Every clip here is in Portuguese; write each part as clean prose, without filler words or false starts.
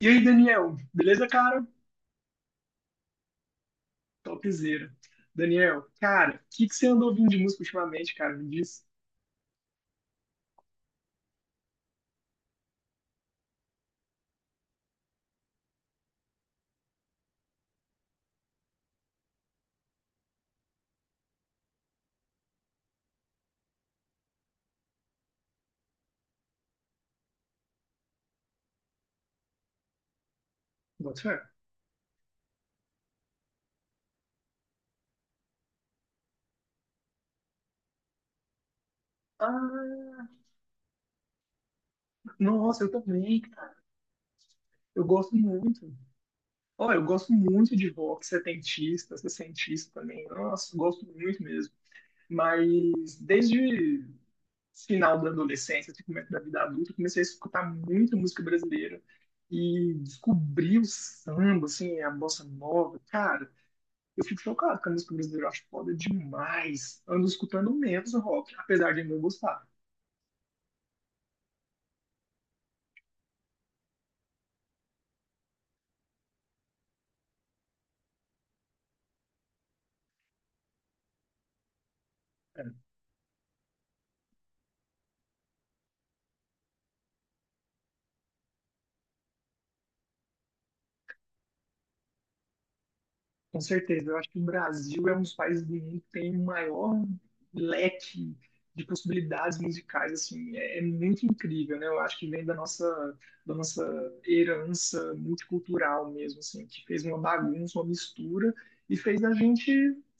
E aí, Daniel, beleza, cara? Topzera. Daniel, cara, o que que você andou ouvindo de música ultimamente, cara? Me diz. Boto fé. Ah, nossa, eu também, cara. Eu gosto muito. Olha, eu gosto muito de rock setentista, sessentista também. Nossa, eu gosto muito mesmo. Mas desde final da adolescência, até começo da vida adulta, eu comecei a escutar muita música brasileira e descobri o samba, assim, a bossa nova. Cara, eu fico chocado com a música brasileira, eu acho foda demais. Ando escutando menos rock, apesar de não gostar. É. Com certeza, eu acho que o Brasil é um dos países do mundo que tem o maior leque de possibilidades musicais, assim, é, é muito incrível, né? Eu acho que vem da nossa herança multicultural mesmo, assim, que fez uma bagunça, uma mistura e fez a gente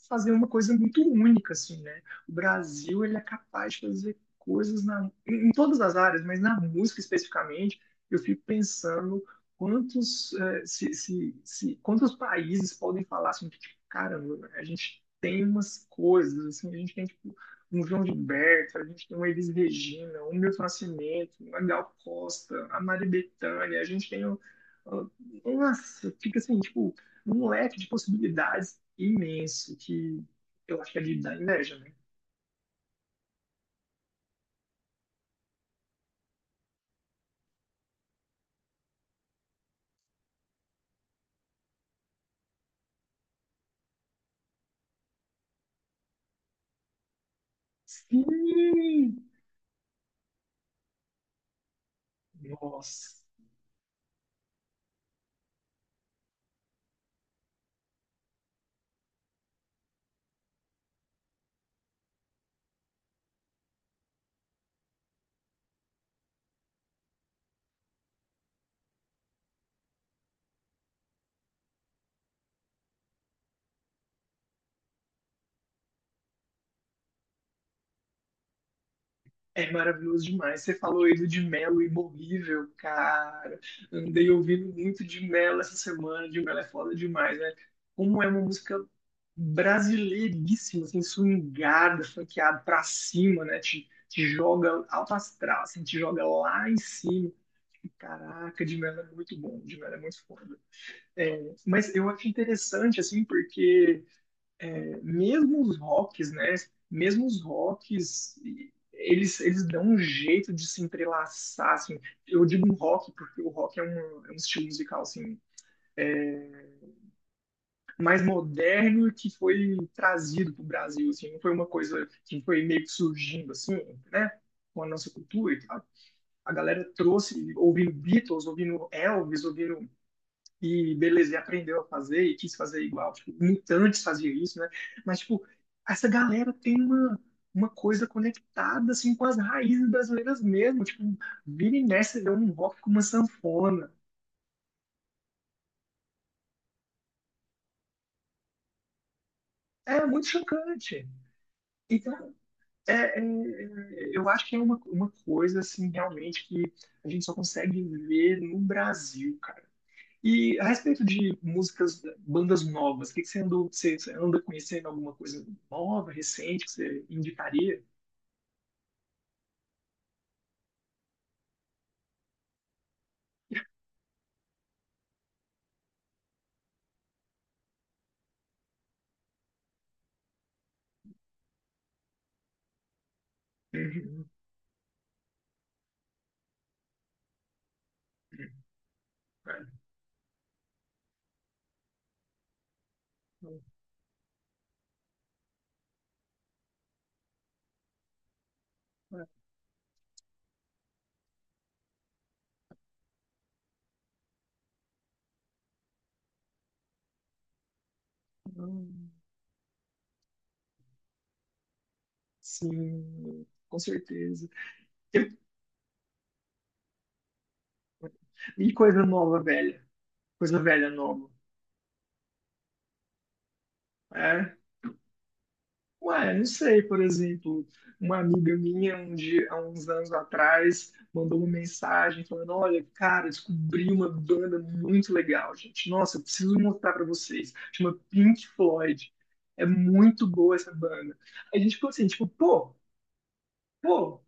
fazer uma coisa muito única, assim, né? O Brasil, ele é capaz de fazer coisas na, em todas as áreas, mas na música especificamente, eu fico pensando quantos, se, quantos países podem falar assim, que, tipo, caramba, a gente tem umas coisas, assim, a gente tem tipo, um João Gilberto, a gente tem uma Elis Regina, um Milton Nascimento, uma Gal Costa, a Maria Bethânia, a gente tem. Um- Nossa, fica assim, tipo, um leque de possibilidades imenso que eu acho que é de dar inveja, né? Sim! Nossa! É maravilhoso demais. Você falou aí do de Melo imorrível, cara. Andei ouvindo muito de Melo essa semana. De Melo é foda demais, né? Como é uma música brasileiríssima, assim, swingada, funkeada pra cima, né? Te joga alto astral, assim, te joga lá em cima. Caraca, de Melo é muito bom, de Melo é muito foda. É, mas eu acho interessante, assim, porque mesmo os rocks, né? Mesmo os rocks, eles dão um jeito de se entrelaçar, assim. Eu digo rock porque o rock é um estilo musical, assim, mais moderno que foi trazido para o Brasil, assim. Não foi uma coisa que foi meio que surgindo, assim, né? Com a nossa cultura e tal. A galera trouxe, ouvindo Beatles, ouvindo Elvis, ouvindo e beleza, e aprendeu a fazer e quis fazer igual. Tipo, mutantes faziam isso, né? Mas, tipo, essa galera tem uma coisa conectada, assim, com as raízes brasileiras mesmo. Tipo, vira e mexe, vê um rock com uma sanfona. É muito chocante. Então, é, é, é, eu acho que é uma coisa, assim, realmente que a gente só consegue ver no Brasil, cara. E a respeito de músicas, bandas novas, o que que você andou, você, você anda conhecendo alguma coisa nova, recente, que você indicaria? Uhum, uhum, uhum. Sim, com certeza. E coisa nova, velha? Coisa velha, nova. É. Ué, não sei, por exemplo, uma amiga minha um dia, há uns anos atrás mandou uma mensagem falando: Olha, cara, descobri uma banda muito legal, gente. Nossa, eu preciso mostrar pra vocês. Chama Pink Floyd. É muito boa essa banda. Aí a gente ficou assim, tipo, pô, pô,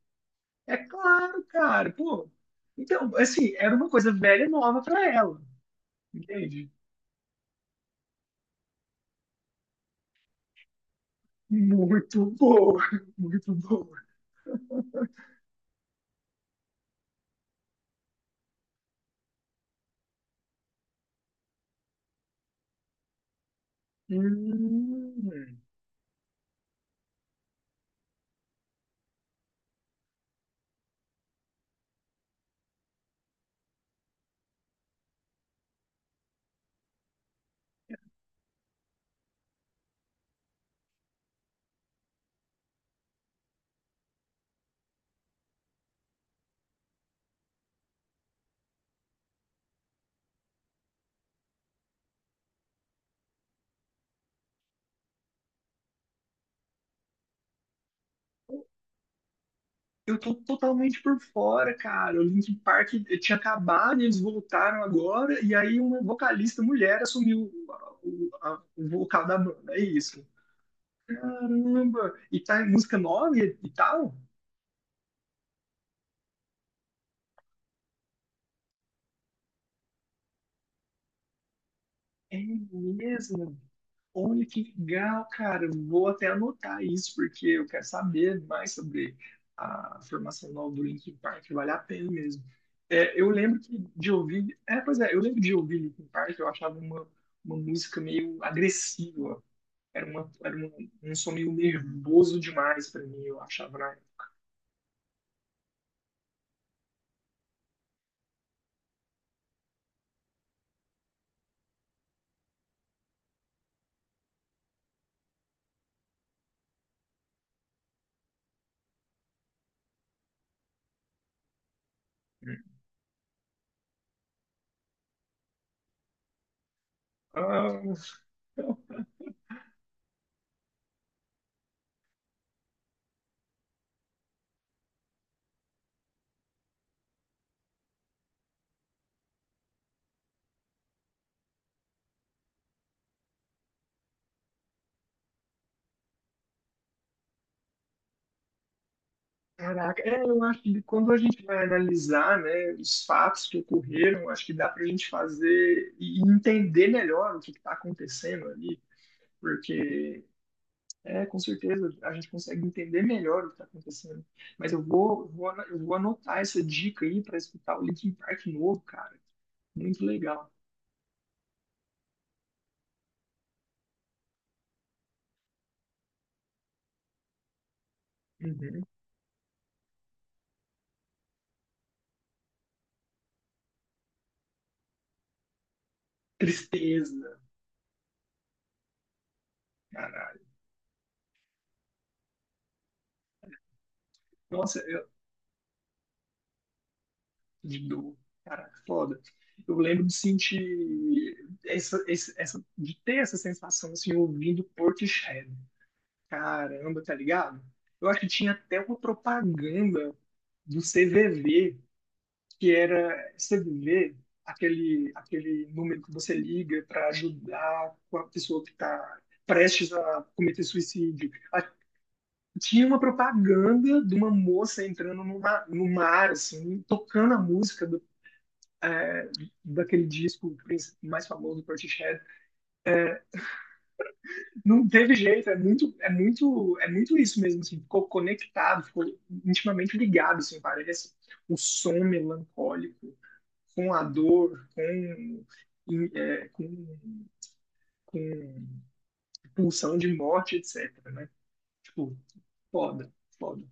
é claro, cara, pô. Então, assim, era uma coisa velha e nova pra ela, entende? Muito boa, muito boa. Hum. Eu tô totalmente por fora, cara. O Linkin Park tinha acabado, eles voltaram agora, e aí uma vocalista mulher assumiu o, a- o vocal da banda. É isso. Caramba! E tá em música nova e tal? É mesmo? Olha que legal, cara. Vou até anotar isso, porque eu quero saber mais sobre a formação nova do Linkin Park. Vale a pena mesmo. É, eu lembro que de ouvir. É, pois é, eu lembro de ouvir Linkin Park, eu achava uma música meio agressiva. Era, uma, era um, um som meio nervoso demais pra mim, eu achava, né? Ah, caraca, é, eu acho que quando a gente vai analisar, né, os fatos que ocorreram, acho que dá para a gente fazer e entender melhor o que está acontecendo ali, porque é, com certeza a gente consegue entender melhor o que está acontecendo. Mas eu vou, vou, ana- eu vou anotar essa dica aí para escutar o Linkin Park novo, cara. Muito legal. Uhum. Tristeza, caralho. Nossa, de dor. Caraca, foda. Eu lembro de sentir essa, esse- essa, de ter essa sensação assim ouvindo Portishead. Caramba, tá ligado? Eu acho que tinha até uma propaganda do CVV, que era CVV, aquele número que você liga para ajudar com a pessoa que está prestes a cometer suicídio. A- Tinha uma propaganda de uma moça entrando no mar, no mar assim, tocando a música daquele disco mais famoso do Portishead. Não teve jeito, é muito, é muito, é muito isso mesmo, assim, ficou conectado, ficou intimamente ligado, assim, parece o som melancólico com a dor, com, é, com pulsão de morte, etc, né? Tipo, foda, foda.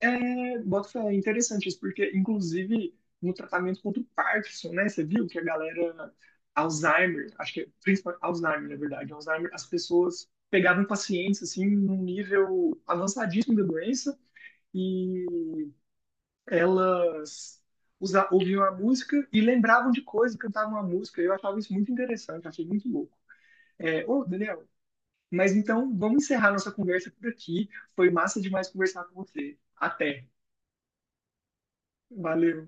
É, bota fé, é interessante isso, porque inclusive no tratamento contra o Parkinson, né? Você viu que a galera Alzheimer, acho que é principalmente Alzheimer, na verdade, Alzheimer, as pessoas pegavam pacientes assim num nível avançadíssimo da doença e elas usa, ouviam a música e lembravam de coisas, cantavam a música. Eu achava isso muito interessante, achei muito louco. É, ô, Daniel, mas então vamos encerrar nossa conversa por aqui. Foi massa demais conversar com você. Até. Valeu.